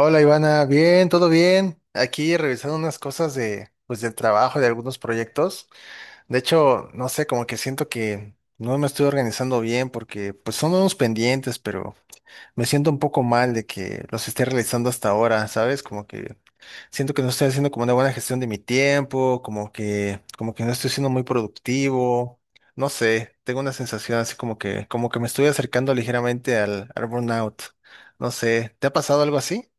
Hola Ivana, bien, todo bien. Aquí revisando unas cosas de, pues, del trabajo, de algunos proyectos. De hecho, no sé, como que siento que no me estoy organizando bien porque pues son unos pendientes, pero me siento un poco mal de que los esté realizando hasta ahora, ¿sabes? Como que siento que no estoy haciendo como una buena gestión de mi tiempo, como que no estoy siendo muy productivo. No sé, tengo una sensación así como que me estoy acercando ligeramente al burnout. No sé, ¿te ha pasado algo así?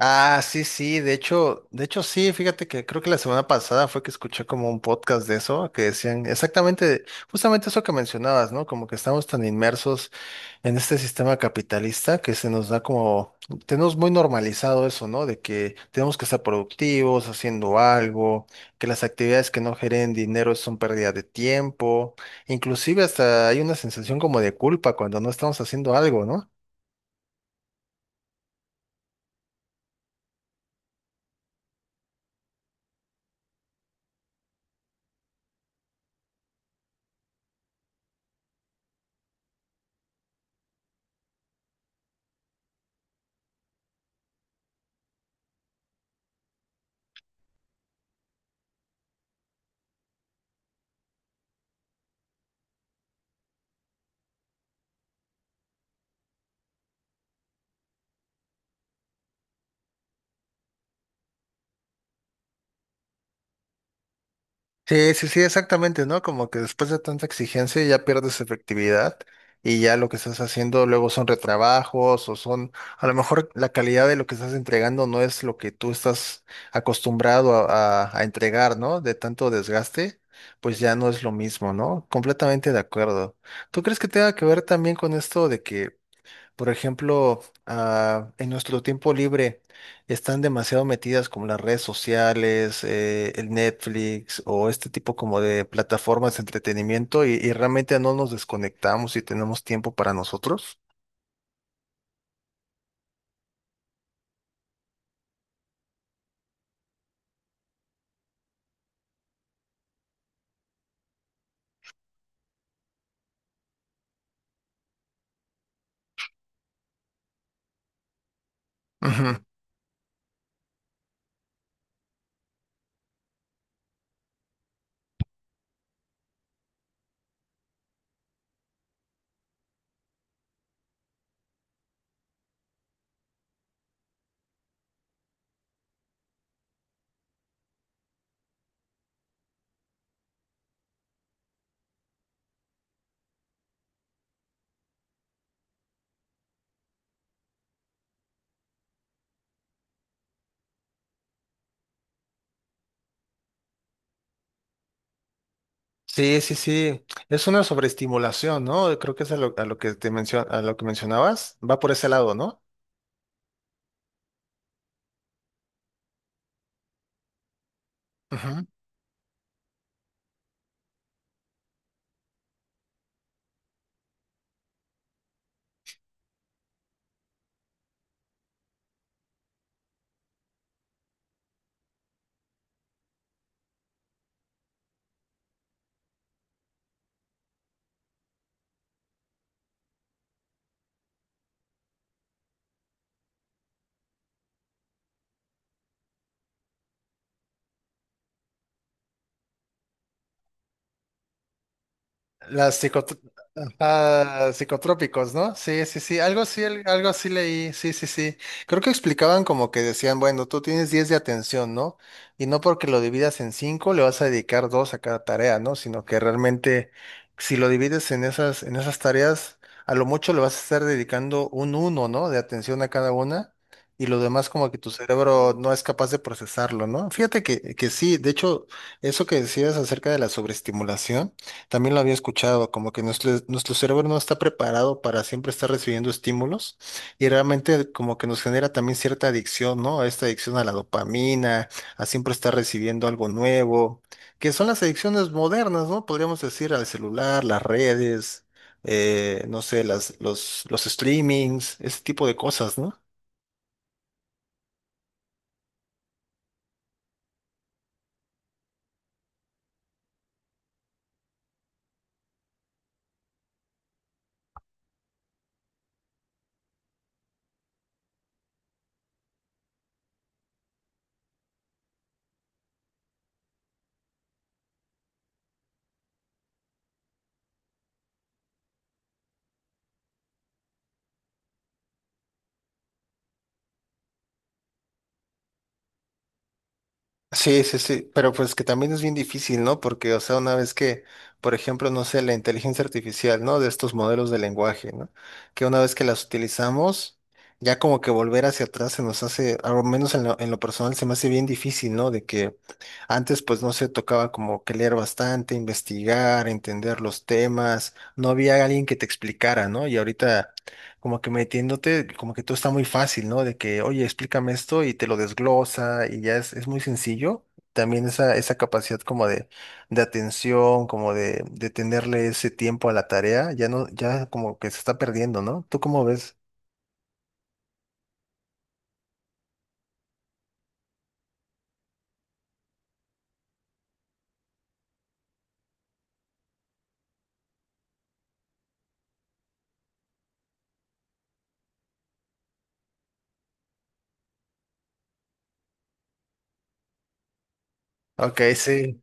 Ah, sí, sí, de hecho sí, fíjate que creo que la semana pasada fue que escuché como un podcast de eso, que decían justamente eso que mencionabas, ¿no? Como que estamos tan inmersos en este sistema capitalista que se nos da como, tenemos muy normalizado eso, ¿no? De que tenemos que estar productivos, haciendo algo, que las actividades que no generen dinero son pérdida de tiempo, inclusive hasta hay una sensación como de culpa cuando no estamos haciendo algo, ¿no? Sí, sí, sí, exactamente, ¿no? Como que después de tanta exigencia ya pierdes efectividad y ya lo que estás haciendo luego son retrabajos o son, a lo mejor la calidad de lo que estás entregando no es lo que tú estás acostumbrado a entregar, ¿no? De tanto desgaste, pues ya no es lo mismo, ¿no? Completamente de acuerdo. ¿Tú crees que tenga que ver también con esto de que... Por ejemplo, en nuestro tiempo libre están demasiado metidas como las redes sociales, el Netflix o este tipo como de plataformas de entretenimiento y realmente no nos desconectamos y tenemos tiempo para nosotros. Ujú. Sí, sí, sí. Es una sobreestimulación, ¿no? Creo que es a lo que te mencio- a lo que mencionabas. Va por ese lado, ¿no? Ujú. Las psico- Ah, psicotrópicos, ¿no? Sí, sí, sí, algo así, algo así leí, sí, sí, sí. Creo que explicaban como que decían, bueno, tú tienes 10 de atención, ¿no? Y no porque lo dividas en 5, le vas a dedicar 2 a cada tarea, ¿no? Sino que realmente si lo divides en esas tareas, a lo mucho le vas a estar dedicando un uno, ¿no? De atención a cada una y lo demás como que tu cerebro no es capaz de procesarlo, ¿no? Fíjate que sí, de hecho, eso que decías acerca de la sobreestimulación. También lo había escuchado, como que nuestro cerebro no está preparado para siempre estar recibiendo estímulos y realmente como que nos genera también cierta adicción, ¿no? Esta adicción a la dopamina, a siempre estar recibiendo algo nuevo, que son las adicciones modernas, ¿no? Podríamos decir al celular, las redes, no sé, los streamings, ese tipo de cosas, ¿no? Sí, sí, sí, pero pues que también es bien difícil, ¿no? Porque, o sea, una vez que, por ejemplo, no sé, la inteligencia artificial, ¿no? De estos modelos de lenguaje, ¿no? Que una vez que las utilizamos, ya como que volver hacia atrás se nos hace, al menos en lo personal, se me hace bien difícil, ¿no? De que antes, pues, no sé, tocaba como que leer bastante, investigar, entender los temas, no había alguien que te explicara, ¿no? Y ahorita como que metiéndote, como que todo está muy fácil, ¿no? De que, oye, explícame esto y te lo desglosa y ya es muy sencillo. También esa capacidad como de atención, como de tenerle ese tiempo a la tarea, ya no, ya como que se está perdiendo, ¿no? ¿Tú cómo ves? Ok, sí.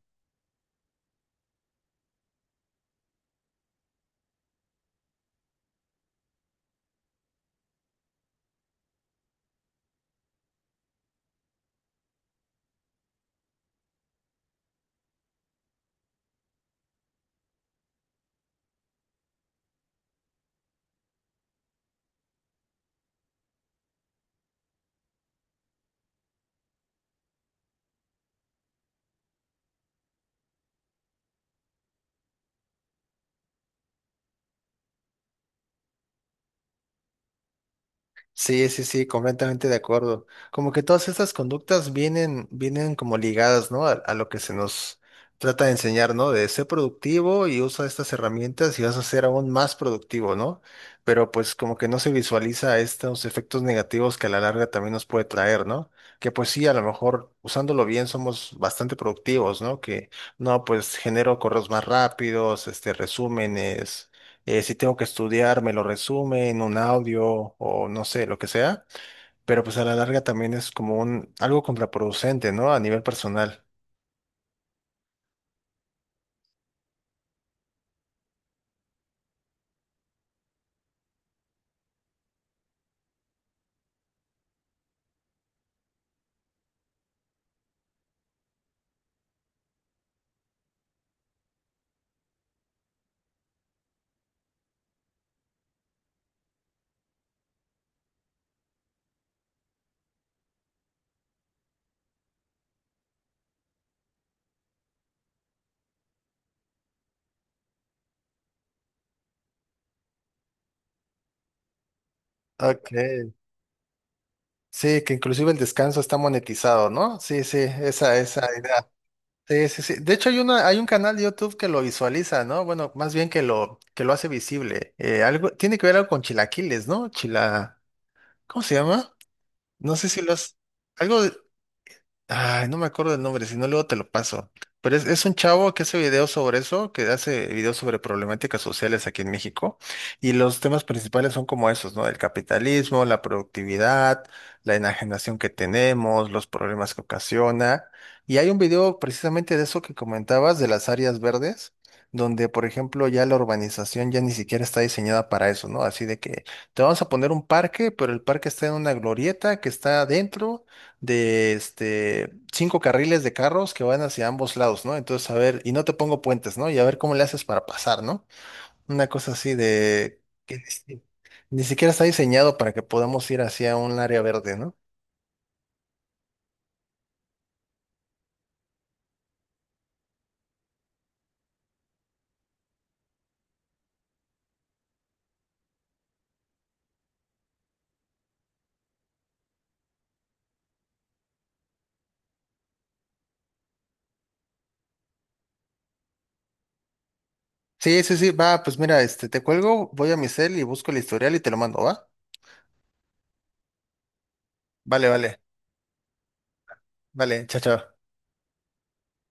Sí, sí, sí, completamente de acuerdo. Como que todas estas conductas vienen como ligadas, ¿no? A lo que se nos trata de enseñar, ¿no? De ser productivo y usa estas herramientas y vas a ser aún más productivo, ¿no? Pero pues como que no se visualiza estos efectos negativos que a la larga también nos puede traer, ¿no? Que pues sí, a lo mejor usándolo bien somos bastante productivos, ¿no? Que no, pues genero correos más rápidos, este, resúmenes, si tengo que estudiar, me lo resume en un audio o no sé, lo que sea, pero pues a la larga también es como un algo contraproducente, ¿no? A nivel personal. Ok. Sí, que inclusive el descanso está monetizado, ¿no? Sí, sí, esa idea. Sí, sí, sí. De hecho, hay un canal de YouTube que lo visualiza, ¿no? Bueno, más bien que lo hace visible. Algo, tiene que ver algo con chilaquiles, ¿no? ¿Cómo se llama? No sé si lo has, algo, ay, no me acuerdo del nombre, si no luego te lo paso. Pero es un chavo que hace videos sobre eso, que hace videos sobre problemáticas sociales aquí en México. Y los temas principales son como esos, ¿no? El capitalismo, la productividad, la enajenación que tenemos, los problemas que ocasiona. Y hay un video precisamente de eso que comentabas, de las áreas verdes, donde, por ejemplo, ya la urbanización ya ni siquiera está diseñada para eso, ¿no? Así de que te vamos a poner un parque, pero el parque está en una glorieta que está adentro de este, cinco carriles de carros que van hacia ambos lados, ¿no? Entonces, a ver, y no te pongo puentes, ¿no? Y a ver cómo le haces para pasar, ¿no? Una cosa así de que ni siquiera está diseñado para que podamos ir hacia un área verde, ¿no? Sí, sí, sí, va, pues mira, este, te cuelgo, voy a mi cel y busco el historial y te lo mando, ¿va? Vale, vale, vale, chao, chao.